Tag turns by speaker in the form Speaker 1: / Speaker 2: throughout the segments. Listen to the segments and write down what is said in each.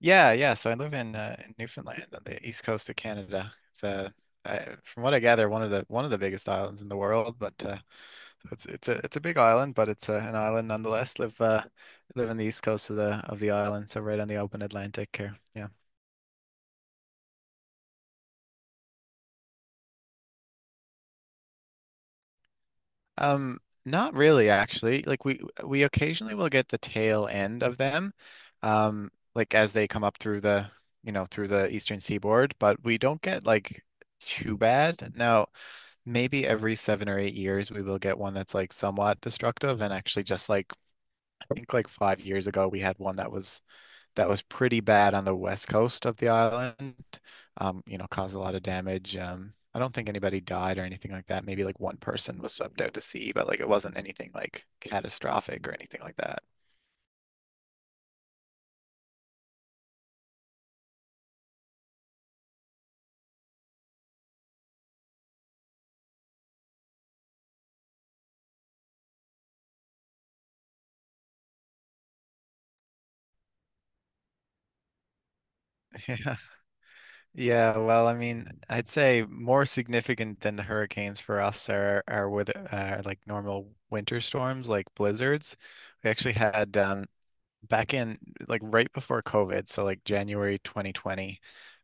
Speaker 1: Yeah, yeah. So I live in Newfoundland on the east coast of Canada. It's I, from what I gather, one of the biggest islands in the world. But so it's a big island, but it's an island nonetheless. Live live on the east coast of the island, so right on the open Atlantic here. Yeah. Um, Not really, actually. Like we occasionally will get the tail end of them, like as they come up through the through the eastern seaboard, but we don't get like too bad. Now, maybe every seven or eight years we will get one that's like somewhat destructive. And actually, just like I think like five years ago, we had one that was pretty bad on the west coast of the island. You know, caused a lot of damage. I don't think anybody died or anything like that. Maybe like one person was swept out to sea, but like it wasn't anything like catastrophic or anything like that. Yeah. Yeah, well, I mean, I'd say more significant than the hurricanes for us are with like normal winter storms, like blizzards. We actually had back in like right before COVID, so like January 2020,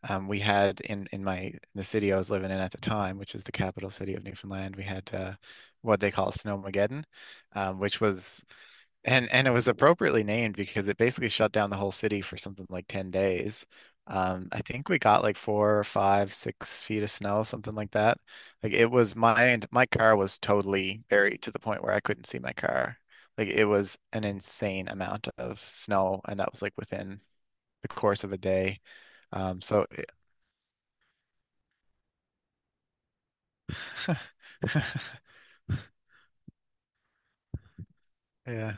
Speaker 1: we had in the city I was living in at the time, which is the capital city of Newfoundland. We had what they call Snowmageddon, which was and it was appropriately named because it basically shut down the whole city for something like 10 days. I think we got like 4 or 5, 6 feet of snow, something like that. Like it was my car was totally buried to the point where I couldn't see my car. Like it was an insane amount of snow, and that was like within the course of a day. Um, so it- yeah.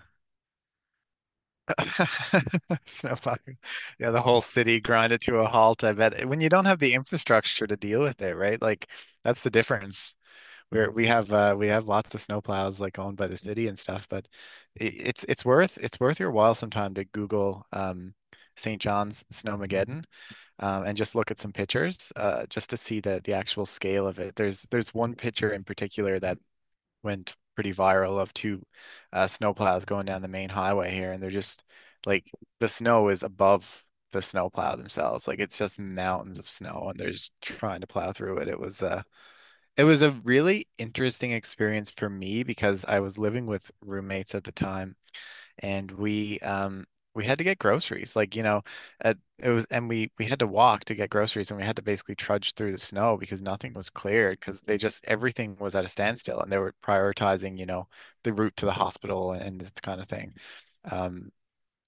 Speaker 1: Snowpocalypse. Yeah, the whole city grinded to a halt. I bet when you don't have the infrastructure to deal with it, right? Like that's the difference. Where we have lots of snowplows like owned by the city and stuff, but it, it's worth your while sometime to Google St. John's Snowmageddon, and just look at some pictures just to see the actual scale of it. There's one picture in particular that went pretty viral of two snowplows going down the main highway here, and they're just like the snow is above the snowplow themselves. Like it's just mountains of snow, and they're just trying to plow through it. It was a really interesting experience for me because I was living with roommates at the time, and we had to get groceries. Like, you know, at, it was and we had to walk to get groceries, and we had to basically trudge through the snow because nothing was cleared because they just everything was at a standstill, and they were prioritizing, you know, the route to the hospital and this kind of thing. Um,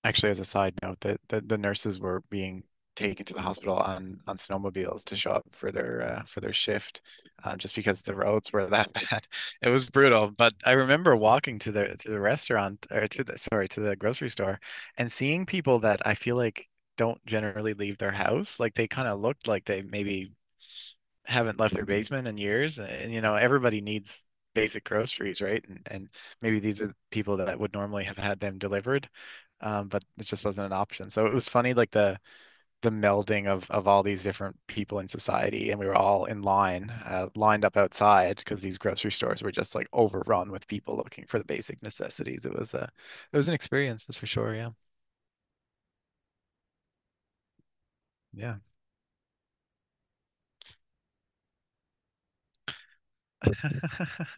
Speaker 1: Actually, as a side note, the nurses were being taken to the hospital on snowmobiles to show up for their shift, just because the roads were that bad. It was brutal. But I remember walking to the restaurant or to the sorry to the grocery store and seeing people that I feel like don't generally leave their house. Like they kind of looked like they maybe haven't left their basement in years. And you know, everybody needs basic groceries, right? And maybe these are people that would normally have had them delivered, but it just wasn't an option. So it was funny, like the melding of all these different people in society, and we were all lined up outside because these grocery stores were just like overrun with people looking for the basic necessities. It was a it was an experience, that's for sure. Yeah. Yeah.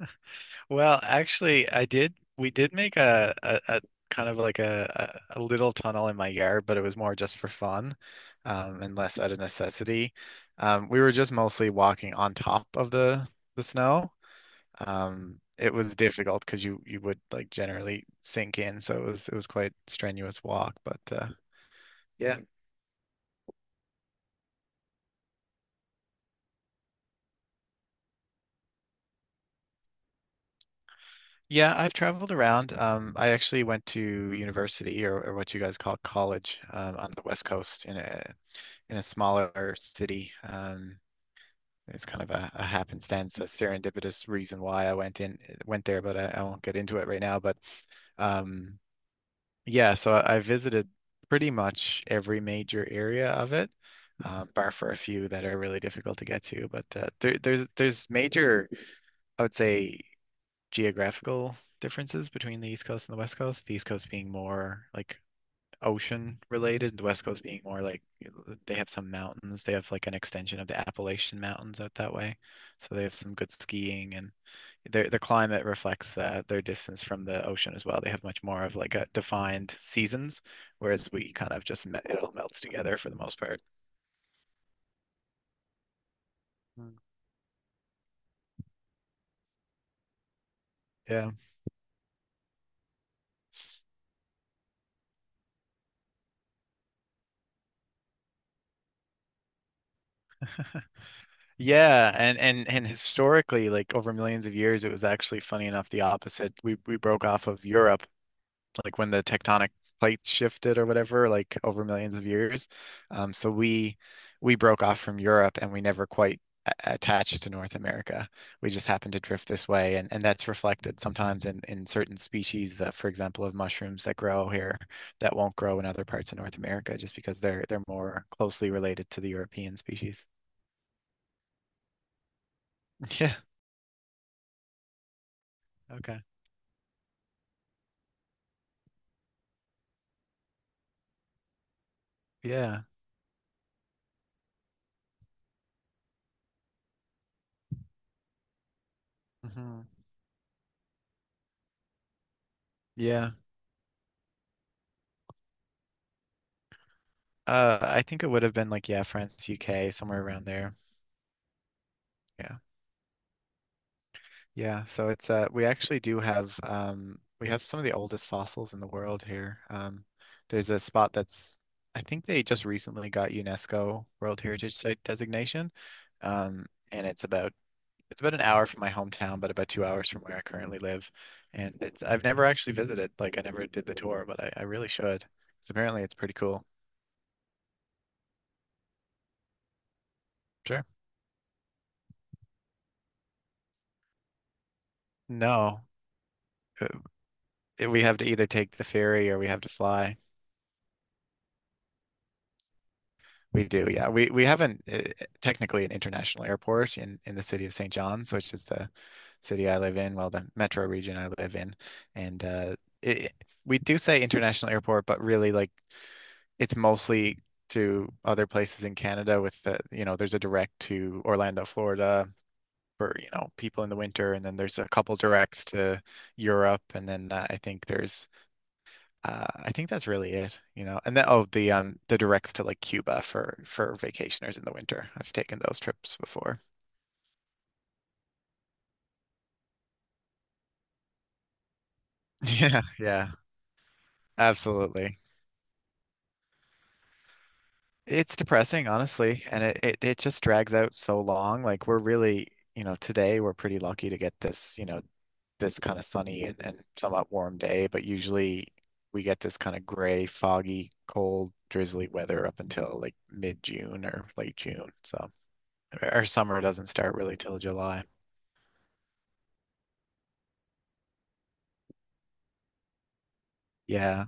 Speaker 1: Well, actually, I did. We did make a kind of like a little tunnel in my yard, but it was more just for fun, and less out of necessity. We were just mostly walking on top of the snow. It was difficult because you would like generally sink in, so it was quite strenuous walk. But yeah, yeah, I've traveled around. I actually went to university, or what you guys call college, on the West Coast in a smaller city. It was kind of a happenstance, a serendipitous reason why I went there, but I won't get into it right now. But um, yeah, so I visited pretty much every major area of it, bar for a few that are really difficult to get to. But there's major, I would say, geographical differences between the East Coast and the West Coast. The East Coast being more like ocean related, the West Coast being more like they have some mountains. They have like an extension of the Appalachian Mountains out that way. So they have some good skiing, and their climate reflects their distance from the ocean as well. They have much more of like a defined seasons, whereas we kind of just it all melts together for the most part. Mm. Yeah. Yeah, and historically like over millions of years it was actually funny enough the opposite. We broke off of Europe like when the tectonic plates shifted or whatever, like over millions of years. So we broke off from Europe, and we never quite attached to North America. We just happened to drift this way, and that's reflected sometimes in certain species, for example, of mushrooms that grow here that won't grow in other parts of North America just because they're more closely related to the European species. Yeah. Okay. Yeah. Hmm. Yeah. I think it would have been like, yeah, France, UK, somewhere around there. Yeah. Yeah, so it's we actually do have we have some of the oldest fossils in the world here. There's a spot that's I think they just recently got UNESCO World Heritage Site designation. Um and it's about an hour from my hometown, but about 2 hours from where I currently live. And it's I've never actually visited, like I never did the tour, but I really should. 'Cause apparently it's pretty cool. Sure. No, uh, we have to either take the ferry, or we have to fly. We do, yeah. We have not technically an international airport in the city of St. John's, which is the city I live in, well, the metro region I live in, and it, we do say international airport, but really like it's mostly to other places in Canada. With the you know, there's a direct to Orlando, Florida, for, you know, people in the winter, and then there's a couple directs to Europe, and then I think that's really it, you know. And then oh, the directs to like Cuba for vacationers in the winter. I've taken those trips before. Yeah, yeah, absolutely. It's depressing, honestly, and it just drags out so long. Like we're really, you know, today we're pretty lucky to get this, you know, this kind of sunny and somewhat warm day, but usually we get this kind of gray, foggy, cold, drizzly weather up until like mid-June or late June. So our summer doesn't start really till July. Yeah.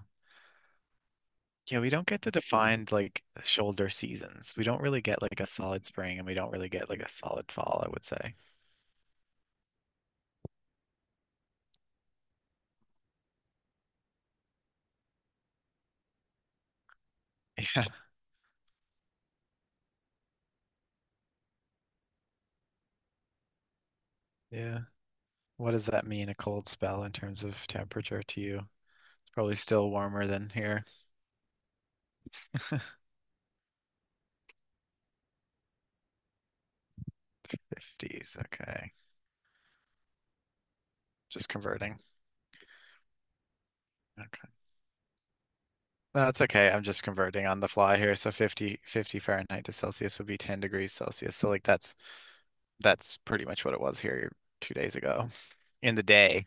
Speaker 1: Yeah, we don't get the defined like shoulder seasons. We don't really get like a solid spring, and we don't really get like a solid fall, I would say. Yeah. Yeah. What does that mean, a cold spell in terms of temperature to you? It's probably still warmer than here. 50s. Okay. Just converting. Okay. No, that's okay. I'm just converting on the fly here. So 50 Fahrenheit to Celsius would be 10 degrees Celsius. So like that's pretty much what it was here two days ago in the day.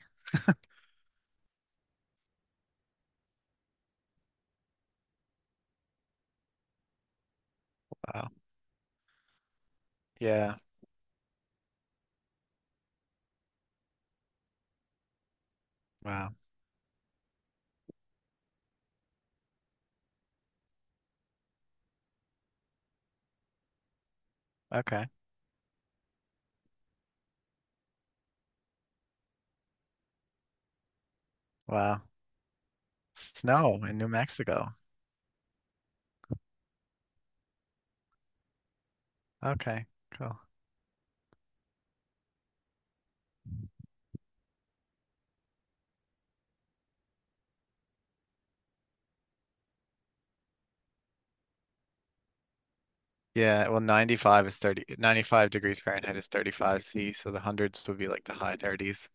Speaker 1: Wow. Yeah. Wow. Okay. Wow. Snow in New Mexico. Okay, cool. Yeah, well, 95 degrees Fahrenheit is 35 C, so the hundreds would be like the high 30s.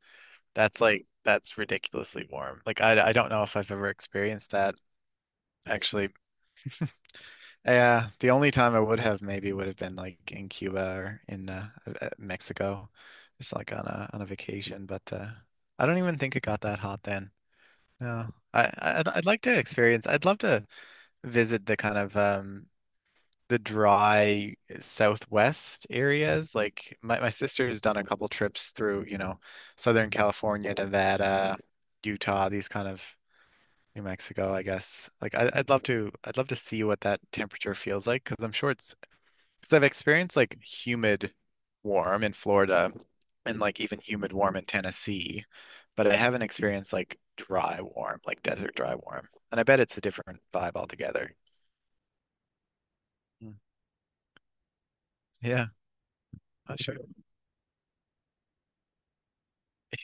Speaker 1: That's like, that's ridiculously warm. Like, I don't know if I've ever experienced that actually. Yeah, the only time I would have maybe would have been like in Cuba or in Mexico, just like on a vacation. But I don't even think it got that hot then. No, I, I'd like to experience. I'd love to visit the kind of the dry southwest areas. Like my sister has done a couple trips through, you know, Southern California, Nevada, Utah, these kind of New Mexico, I guess. Like I, I'd love to see what that temperature feels like because I'm sure it's because I've experienced like humid warm in Florida, and like even humid warm in Tennessee, but I haven't experienced like dry warm, like desert dry warm. And I bet it's a different vibe altogether. Mm. Yeah, I'm sure.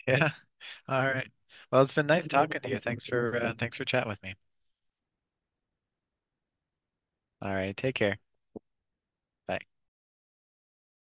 Speaker 1: Yeah. All right. Well, it's been nice talking to you. Thanks for thanks for chatting with me. All right. Take care. Bye.